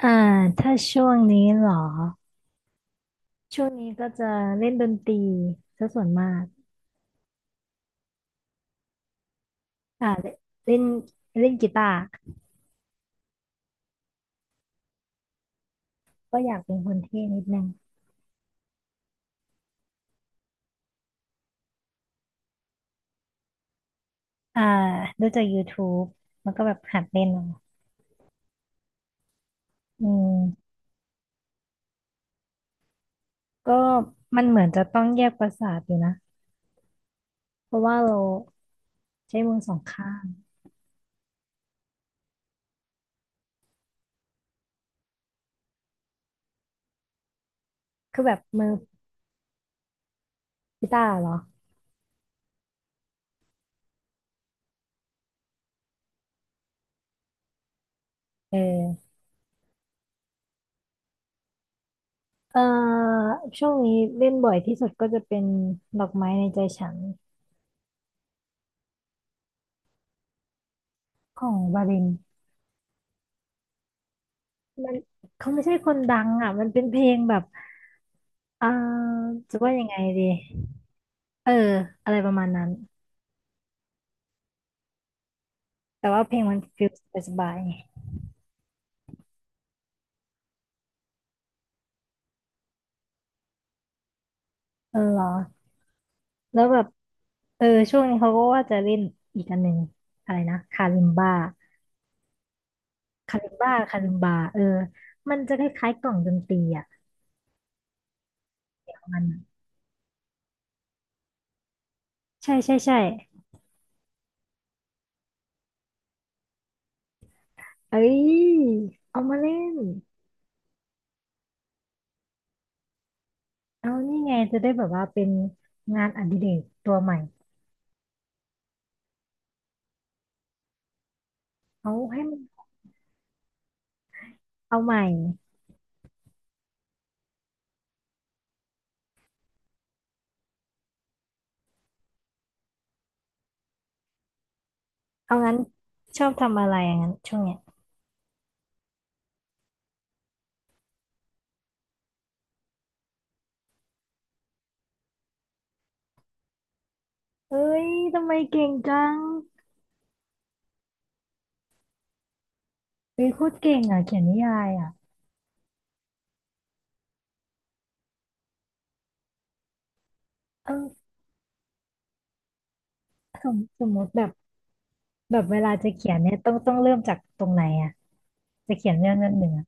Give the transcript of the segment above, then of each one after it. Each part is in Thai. อ่าถ้าช่วงนี้เหรอช่วงนี้ก็จะเล่นดนตรีซะส่วนมากอ่าเล่นเล่นกีตาร์ก็อยากเป็นคนเท่นิดนึงอ่าดูจาก YouTube มันก็แบบหัดเล่นเอาอืมก็มันเหมือนจะต้องแยกประสาทอยู่นะเพราะว่าเราใช้มือสองข้างคือแบบมือกีตาร์เหรอเออเอ่อช่วงนี้เล่นบ่อยที่สุดก็จะเป็นดอกไม้ในใจฉันของวาริน มันเขาไม่ใช่คนดังอ่ะมันเป็นเพลงแบบอ่าจะว่ายังไงดีเอออะไรประมาณนั้นแต่ว่าเพลงมันฟีลสบายๆไงเออเหรอแล้วแบบเออช่วงนี้เขาก็ว่าจะเล่นอีกอันหนึ่งอะไรนะคาลิมบ้าคาลิมบาเออมันจะคล้ายๆกล่องดนตรีอ่ะประมาณนั้นใช่ใช่ใช่เอ้ยเอามาเล่นเอานี่ไงจะได้แบบว่าเป็นงานอดิเรกตัวใหม่เอาให้มันเอาใหม่ เอางั้นชอบทำอะไรอย่างนั้นช่วงเนี้ยเอ้ยทำไมเก่งจังเฮ้ยโคตรเก่งอ่ะเขียนนิยายอ่ะเออสมมติแบบแบบเวลาจะเขียนเนี่ยต้องเริ่มจากตรงไหนอ่ะจะเขียนเรื่องนั้นหนึ่งอ่ะ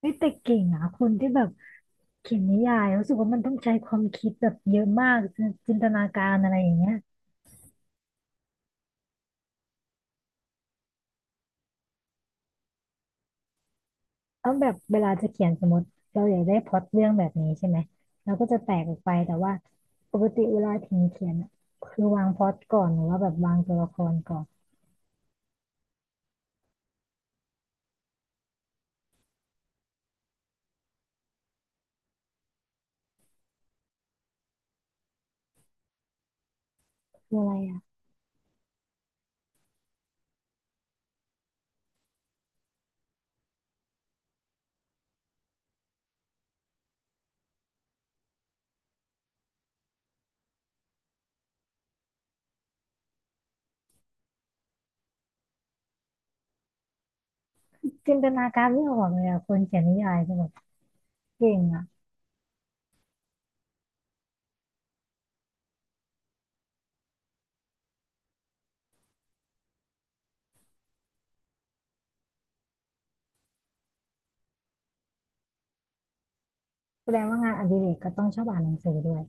เฮ้ยแต่เก่งอ่ะคนที่แบบเขียนนิยายรู้สึกว่ามันต้องใช้ความคิดแบบเยอะมากจินตนาการอะไรอย่างเงี้ยเอาแบบเวลาจะเขียนสมมติเราอยากได้พล็อตเรื่องแบบนี้ใช่ไหมเราก็จะแตกออกไปแต่ว่าปกติเวลาถึงเขียนอะคือวางพล็อตก่อนหรือว่าแบบวางตัวละครก่อน คืออะไรอ่ะจินตนาการไม่ออกเลยอ่ะคนเขียนนิยายจะแบบเก่งอ่ะแสดงว่างานอดิเรกก็ต้องชอบอ่านหนังสือด้วย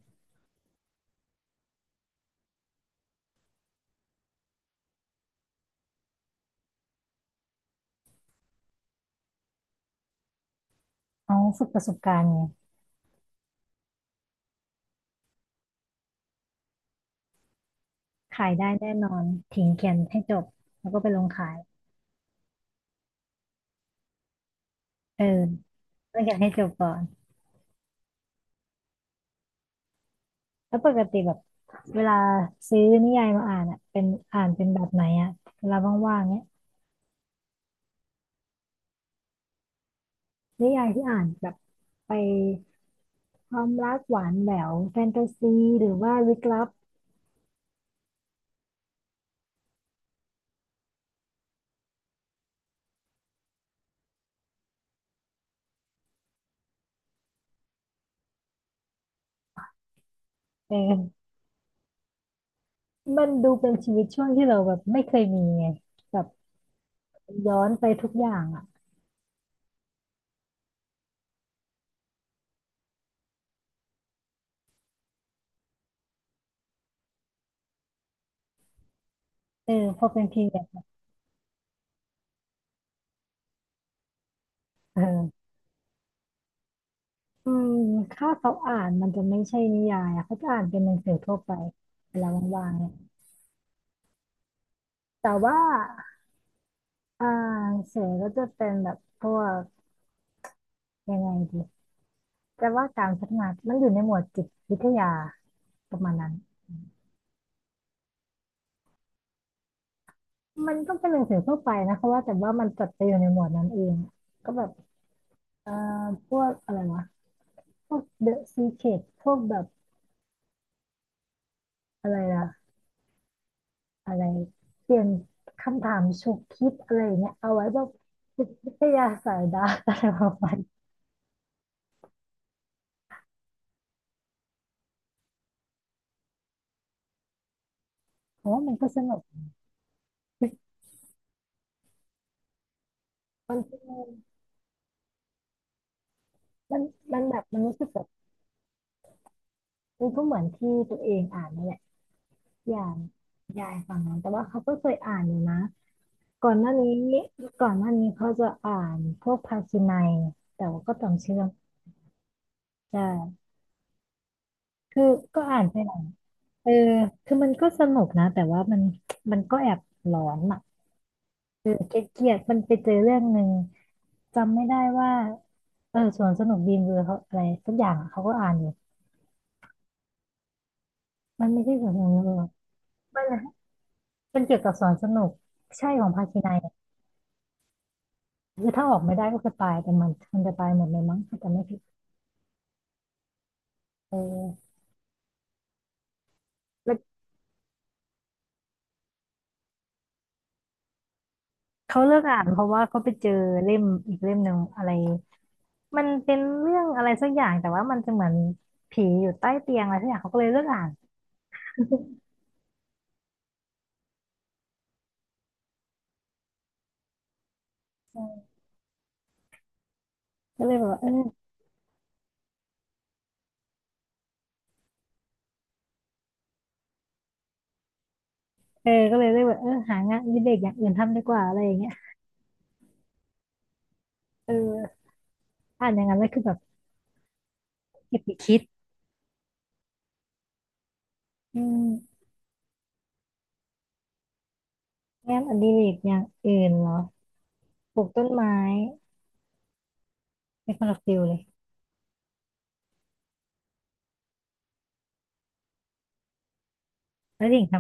เอาฝึกประสบการณ์ไงขายได้แน่นอนทิ้งเขียนให้จบแล้วก็ไปลงขายเออต้องเขียนให้จบก่อนแล้วปกติแบบเวลาซื้อนิยายมาอ่านอ่ะเป็นอ่านเป็นแบบไหนอ่ะเวลาว่างๆเนี้ยนิยายที่อ่านแบบไปความรักหวานแหววแฟนตาซีหรือว่าลึกลับเออมันดูเป็นชีวิตช่วงที่เราแบบไม่เคยมีไงบ ย้อนไปทุกอย่างอ่ะเออพอเป็นพีเรียดเอออืมถ้าเขาอ่านมันจะไม่ใช่นิยายอะเขาจะอ่านเป็นหนังสือทั่วไปเวลาว่างๆเนี่ยแต่ว่าอ่าหนังสือก็จะเป็นแบบพวกยังไงดีแต่ว่าการพัฒนามันอยู่ในหมวดจิตวิทยาประมาณนั้นมันก็เป็นหนังสือทั่วไปนะคะว่าแต่ว่ามันจัดไปอยู่ในหมวดนั้นเองก็แบบเอ่อพวกอะไรวะพวก The Secret พวกแบบอะไรนะ อะไรเปลี่ยนคำถามฉุกคิดอะไรอย่างเงี้ยเอาไว้แบบจิตวิทยาสายดาร์กอะไรประมาณนี้เพราะว่ามันก็สนุกมันมันมันแบบมันรู้สึกแบบมันก็เหมือนที่ตัวเองอ่านนั่นแหละอย่างยายฟังนะแต่ว่าเขาก็เคยอ่านอยู่นะก่อนหน้านี้ก่อนหน้านี้เขาจะอ่านพวกภาคีนัยแต่ว่าก็ต้องเชื่อมใช่คือก็อ่านไปหลายเออคือมันก็สนุกนะแต่ว่ามันมันก็แอบหลอนอะ เออเกลียดๆมันไปเจอเรื่องหนึ่งจำไม่ได้ว่าเออสวนสนุกบีมเบอร์เขาอะไรสักอย่างอะเขาก็อ่านอยู่มันไม่ใช่สวนสนุกบีมเบอร์มันนะมันเกี่ยวกับสวนสนุกใช่ของภาคีนัยอะคือถ้าออกไม่ได้ก็คือตายแต่มันจะตายหมดเลยมั้งถ้าจำไม่ผิดเออแล้วเขาเลิกอ่านเพราะว่าเขาไปเจอเล่มอีกเล่มหนึ่งอะไรมันเป็นเรื่องอะไรสักอย่างแต่ว่ามันจะเหมือนผีอยู่ใต้เตียงอะไรสักอย่างเขาก็เลยเลิกอ่านก็เลยแบบว่าเออเออก็เลยเลิกแบบเออหางานอดิเรกอย่างอื่นทำดีกว่าอะไรอย่างเงี้ย เอออ่านอย่างนั้นแล้วคือแบบเก็บไปคิดอืมงานอดิเรกอย่างอื่นเหรอปลูกต้นไม้ไม่คนละฟิลเลยแล้วดิ่งท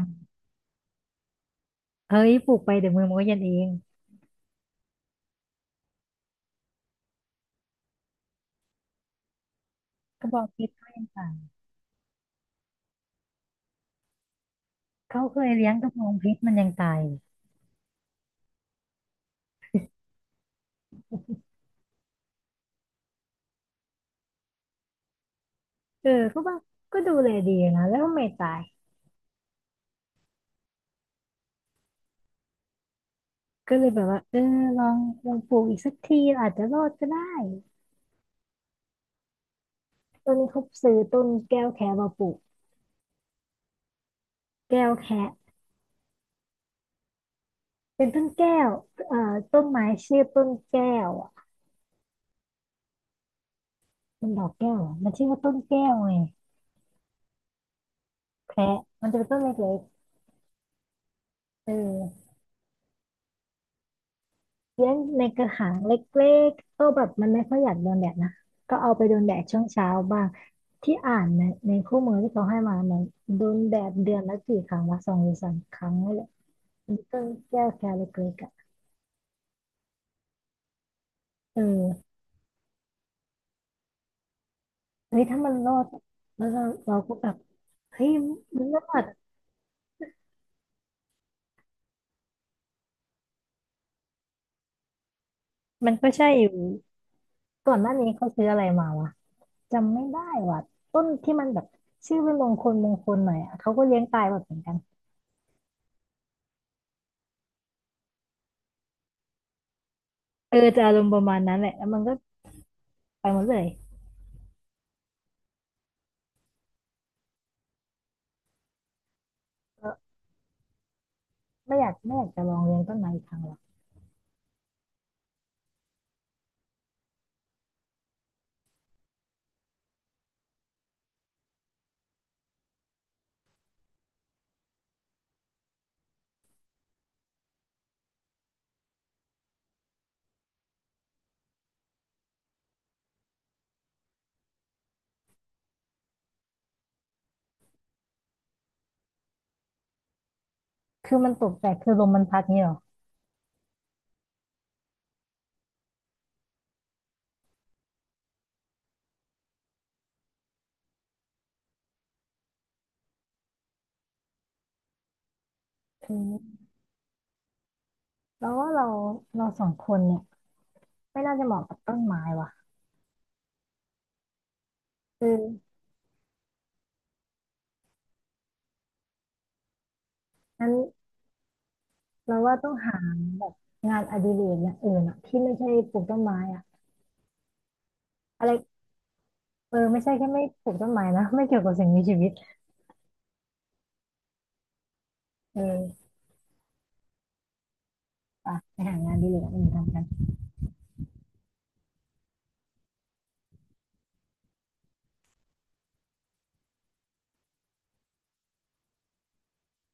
ำเฮ้ยปลูกไปเดี๋ยวมือมันก็เย็นเองกระบองเพชรก็ยังตายเขาเคยเลี้ยงกระบองเพชรมันยังตายเลยเออเขาบอกก็ดูแลดีนะแล้วไม่ตายก็เลยแบบว่าเออลองปลูกอีกสักทีอาจจะรอดก็ได้ต้นนี้เขาซื้อต้นแก้วแคะมาปลูกแก้วแคะเป็นต้นแก้วเอ่อต้นไม้ชื่อต้นแก้ว มันดอกแก้วเหรอมันชื่อว่าต้นแก้วไงแคระมันจะเป็นต้นเล็กๆเออเลี้ยงในกระถางเล็กๆก็แบบมันไม่ค่อยอยากโดนแดดนะก็เอาไปโดนแดดช่วงเช้าบ้างที่อ่านในคู่มือที่เขาให้มาเนี่ยโดนแดดเดือนละกี่ครั้งวะสองหรือสามครั้งนี่แหละมนต้นแก้วแคระเล็กๆอ่ะเออเฮ้ยถ้ามันรอดแล้วเราก็แบบเฮ้ยมันรอดมันก็ใช่อยู่ก่อนหน้านี้เขาซื้ออะไรมาวะ จำไม่ได้ว่ะต้นที่มันแบบชื่อเป็นมงคลหน่อยอ่ะเขาก็เลี้ยงตายแบบเหมือนกันเออจะอารมณ์ประมาณนั้นแหละแล้วมันก็ไปหมดเลยเออไม่อยากจะลองเลี้ยงต้นไม้อีกครั้งหรอกคือมันตกแต่คือลมมันพัดนี่หรอคือเราว่าเราสองคนเนี่ยไม่น่าจะเหมาะกับต้นไม้ว่ะคืองั้นเราว่าต้องหาแบบงานอดิเรกอย่างอื่นอะที่ไม่ใช่ปลูกต้นไม้อะอะไรเออไม่ใช่แค่ไม่ปลูกต้นไม้นะไม่เกี่ยวกับสิ่งมีชีวิตเออไปหางานอดีเลยกอื่นทำกัน